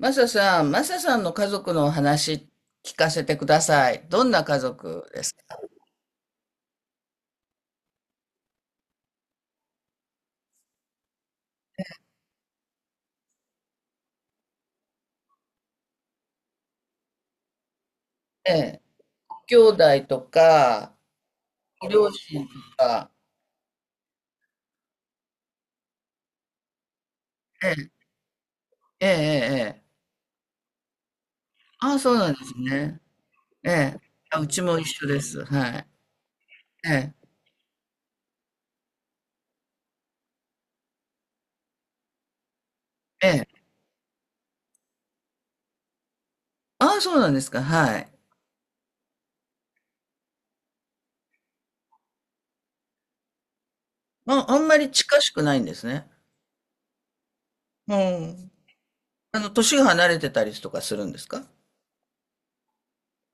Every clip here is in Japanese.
マサさん、マサさんの家族のお話聞かせてください。どんな家族ですかね兄弟とか、ご両親とか。ええ、ええ、ええ。ああ、そうなんですね。ええ。あ、うちも一緒です。はい。ええ、ええ。ああ、そうなんですか。はい。あ、あんまり近しくないんですね。うん。年が離れてたりとかするんですか？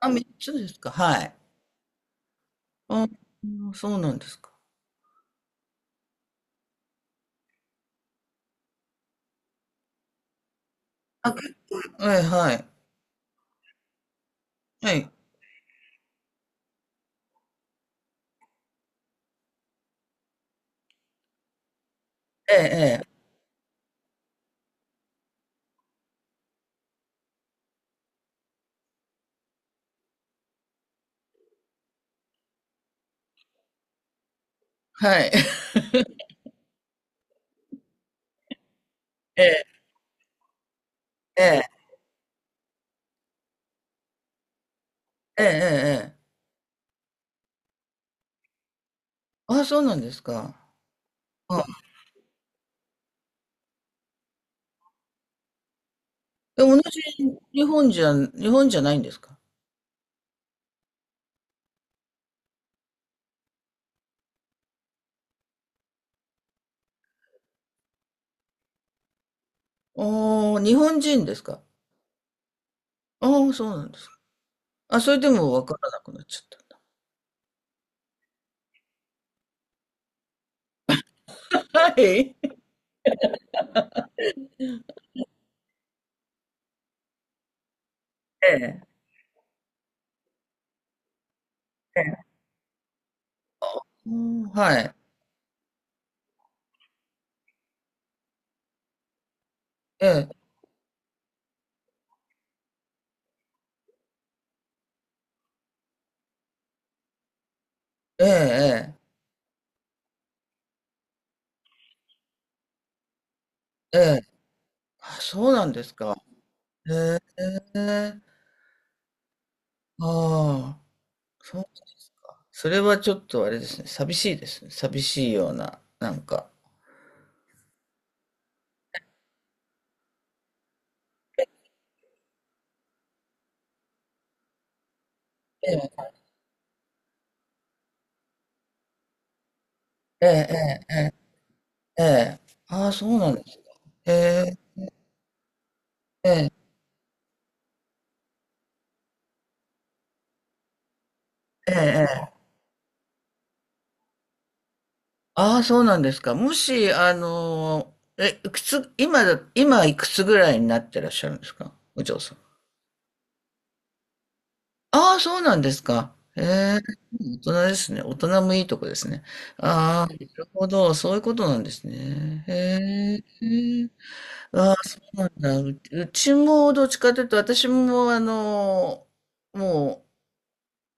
あ、三つですか。はい。あ、そうなんですか。あ、ええ、はい。はい。ええ、ええ。はい。ええ、ええ、ええええええ。あ、そうなんですか。うん。でも同じ日本じゃ、日本じゃないんですか？おー日本人ですか？ああ、そうなんですか。あ、それでもわからなくなっちゃった。はい。ええ、ええ。うん、はい。ええ、ええ、ええ、ええ。あ、そうなんですか。ええ。ああ、そう、それはちょっとあれですね。寂しいですね。寂しいような、なんか。ええ、ええ、ええ。ええ、ああ、そうなんですか。ええ、ええ。ええ、ええ。ああ、そうなんですか。もし、あの、え、いくつ、今だ、今いくつぐらいになってらっしゃるんですか、お嬢さん。ああ、そうなんですか。ええ、大人ですね。大人もいいとこですね。ああ、なるほど。そういうことなんですね。へえ。ああ、そうなんだ。うちもどっちかというと、私も、も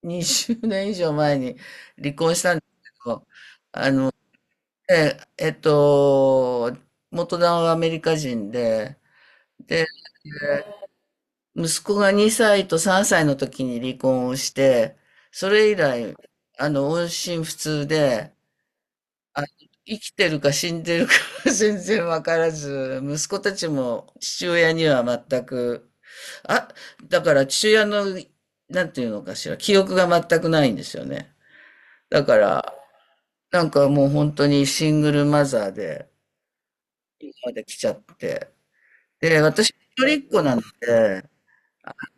う20年以上前に離婚したんですけど、ええっと、元旦はアメリカ人で、で、息子が2歳と3歳の時に離婚をして、それ以来、音信不通で、あ、生きてるか死んでるか 全然わからず、息子たちも父親には全く、あ、だから父親の、なんていうのかしら、記憶が全くないんですよね。だから、なんかもう本当にシングルマザーでまで来ちゃって、で、私、一人っ子なので、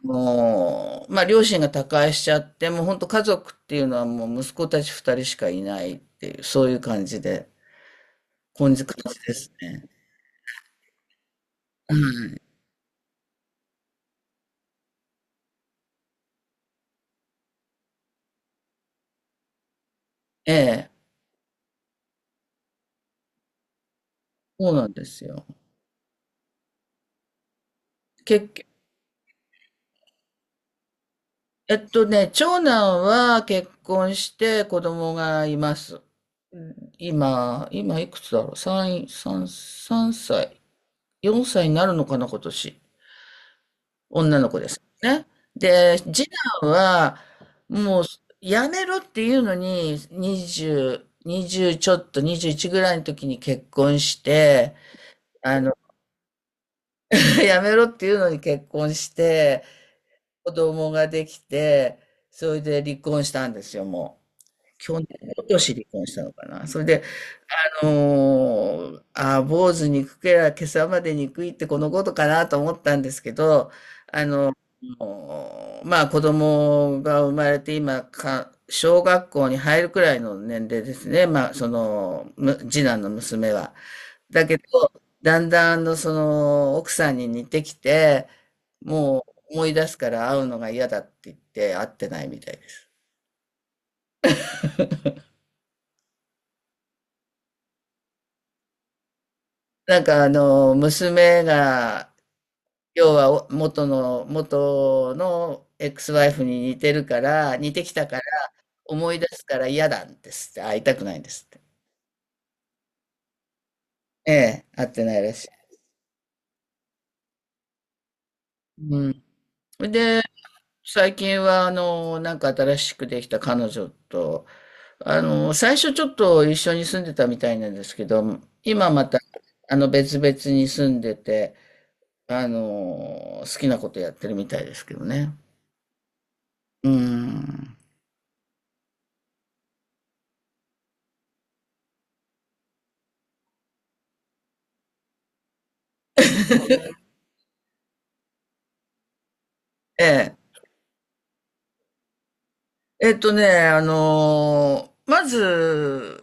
もう、まあ、両親が他界しちゃって、もう本当家族っていうのはもう息子たち二人しかいないっていう、そういう感じで、根付感じですね。はい。ええ、そうなんですよ。結局、長男は結婚して子供がいます。うん、今、今いくつだろう ?3、三三歳。4歳になるのかな、今年。女ね。で、次男は、もう、やめろっていうのに、20ちょっと、21ぐらいの時に結婚して、あの、やめろっていうのに結婚して、子供ができて、それで離婚したんですよ、もう。去年、今年離婚したのかな。それで、の、あー、坊主にくけりゃ今朝までにくいってこのことかなと思ったんですけど、あの、まあ子供が生まれて今か、小学校に入るくらいの年齢ですね。まあその、次男の娘は。だけど、だんだんその奥さんに似てきて、もう思い出すから会うのが嫌だって言って会ってないみたいです。娘が要は元のエクスワイフに似てるから、似てきたから、思い出すから嫌なんですって、会いたくないんですって。ええ、会ってないらしい。うん。で、最近は、なんか新しくできた彼女と、最初ちょっと一緒に住んでたみたいなんですけど、今また、別々に住んでて、好きなことやってるみたいですけどね。うん。ええ。えっとね、あのーまず、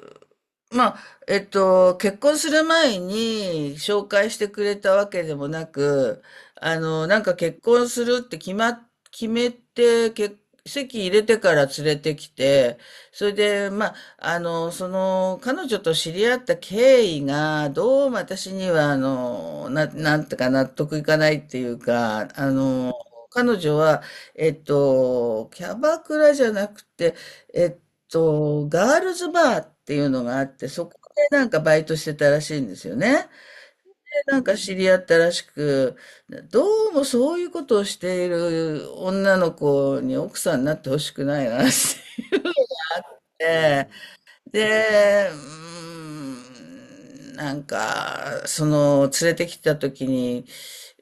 まあ、えっと、結婚する前に紹介してくれたわけでもなく、なんか結婚するって決ま、決めて、結籍入れてから連れてきて、それで、まあ、彼女と知り合った経緯が、どうも私には、なんてか納得いかないっていうか、彼女は、キャバクラじゃなくて、えっガールズバーっていうのがあって、そこでなんかバイトしてたらしいんですよね。で、なんか知り合ったらしく、どうもそういうことをしている女の子に奥さんになってほしくないなって。で、連れてきた時に、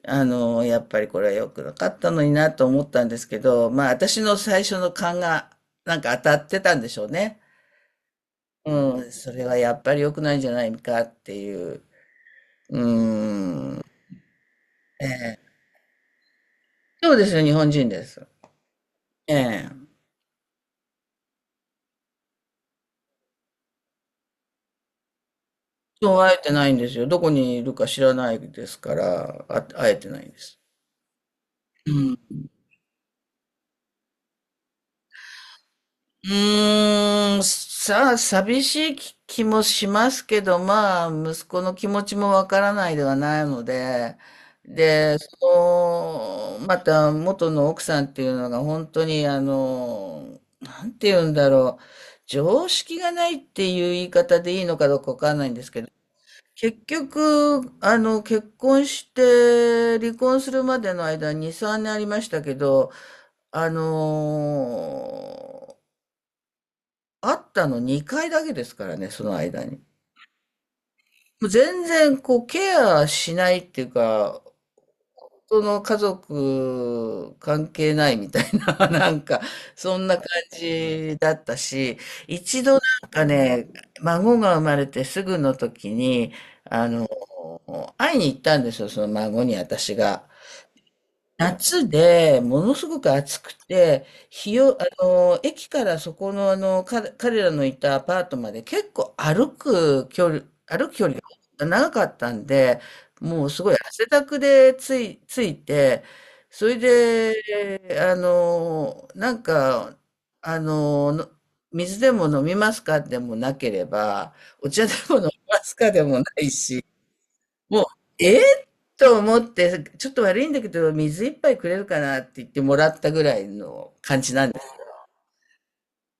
やっぱりこれは良くなかったのになと思ったんですけど、まあ私の最初の勘がなんか当たってたんでしょうね。うん、それはやっぱり良くないんじゃないかっていう。うん。ええ、そうですよ、日本人です。ええ。そう、会えてないんですよ。どこにいるか知らないですから、あ、会えてないんです。うん、うーん、さあ、寂しい気気もしますけど、まあ、息子の気持ちもわからないではないので、で、また元の奥さんっていうのが本当に、なんて言うんだろう、常識がないっていう言い方でいいのかどうかわかんないんですけど、結局、結婚して離婚するまでの間に3年ありましたけど、あの会ったの2回だけですからね、その間に。もう全然こうケアしないっていうか、その家族関係ないみたいな、なんか、そんな感じだったし、一度なんかね、孫が生まれてすぐの時に、あの、会いに行ったんですよ、その孫に私が。夏で、ものすごく暑くて、日を、あの、駅からそこの、彼らのいたアパートまで結構歩く距離が長かったんで、もうすごい汗だくでついて、それで、あの、の水でも飲みますかでもなければ、お茶でも飲みますかでもないし、もう、えと思って、ちょっと悪いんだけど、水一杯くれるかなって言ってもらったぐらいの感じなんです。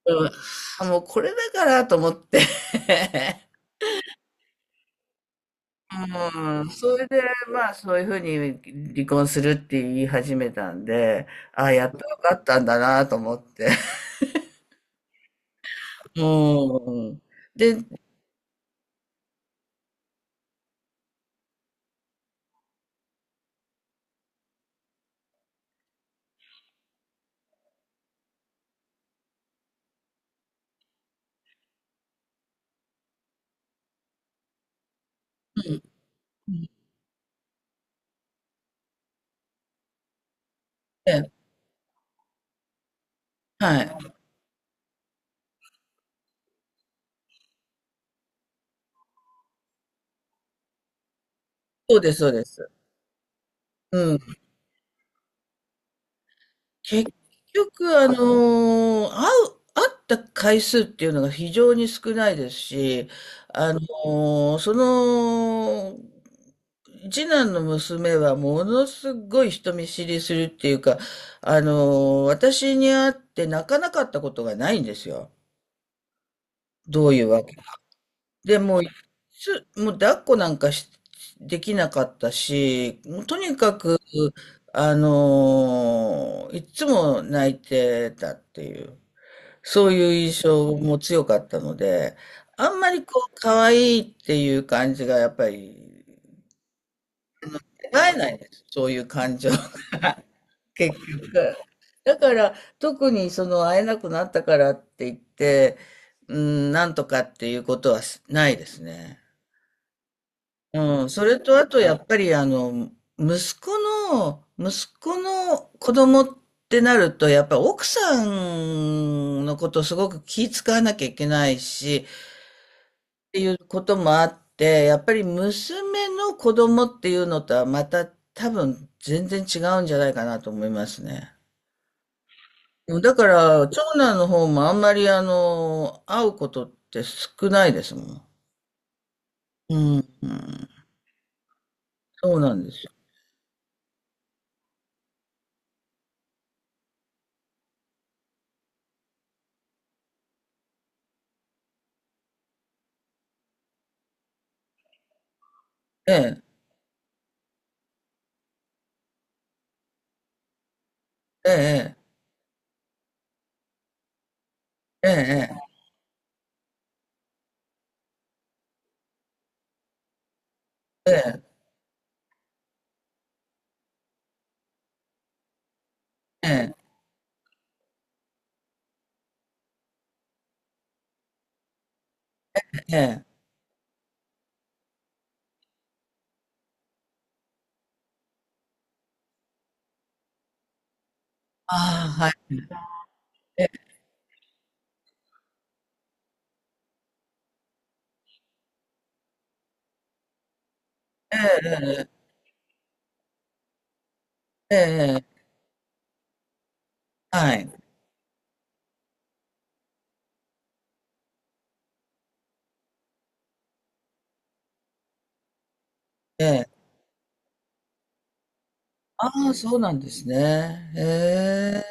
うん、あ、もうこれだからと思って。うん、それで、まあ、そういうふうに離婚するって言い始めたんで、ああ、やっとよかったんだなと思って。うん。で、うん。ええ、はい。そうです、そうです。うん。結局、会った回数っていうのが非常に少ないですし、あのーその、次男の娘はものすごい人見知りするっていうか、あの私に会って泣かなかったことがないんですよ。どういうわけ。で、もう、もう抱っこなんかし、できなかったし、もうとにかく、いつも泣いてたっていう。そういう印象も強かったので、あんまりこう、可愛いっていう感じがやっぱり、会えないんです。そういう感情、結局。だから、特にその会えなくなったからって言って、うん、なんとかっていうことはしないですね。うん、それとあとやっぱり息子息子の子供ってなると、やっぱ奥さんのことをすごく気遣わなきゃいけないし、ていうこともあって、やっぱり娘の子供っていうのとはまた多分全然違うんじゃないかなと思いますね。だから、長男の方もあんまりあの、会うことって少ないですもん。うん、うん、そうなんですよ。ええ、ええ、ええ、ええ、ええ、ええ、ああ、はい、ええ、ええ、ええ、ええ、はい、ええ、ああ、そうなんですね。ええ、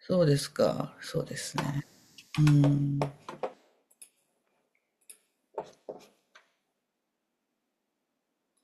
そうですか、そうですね。うん。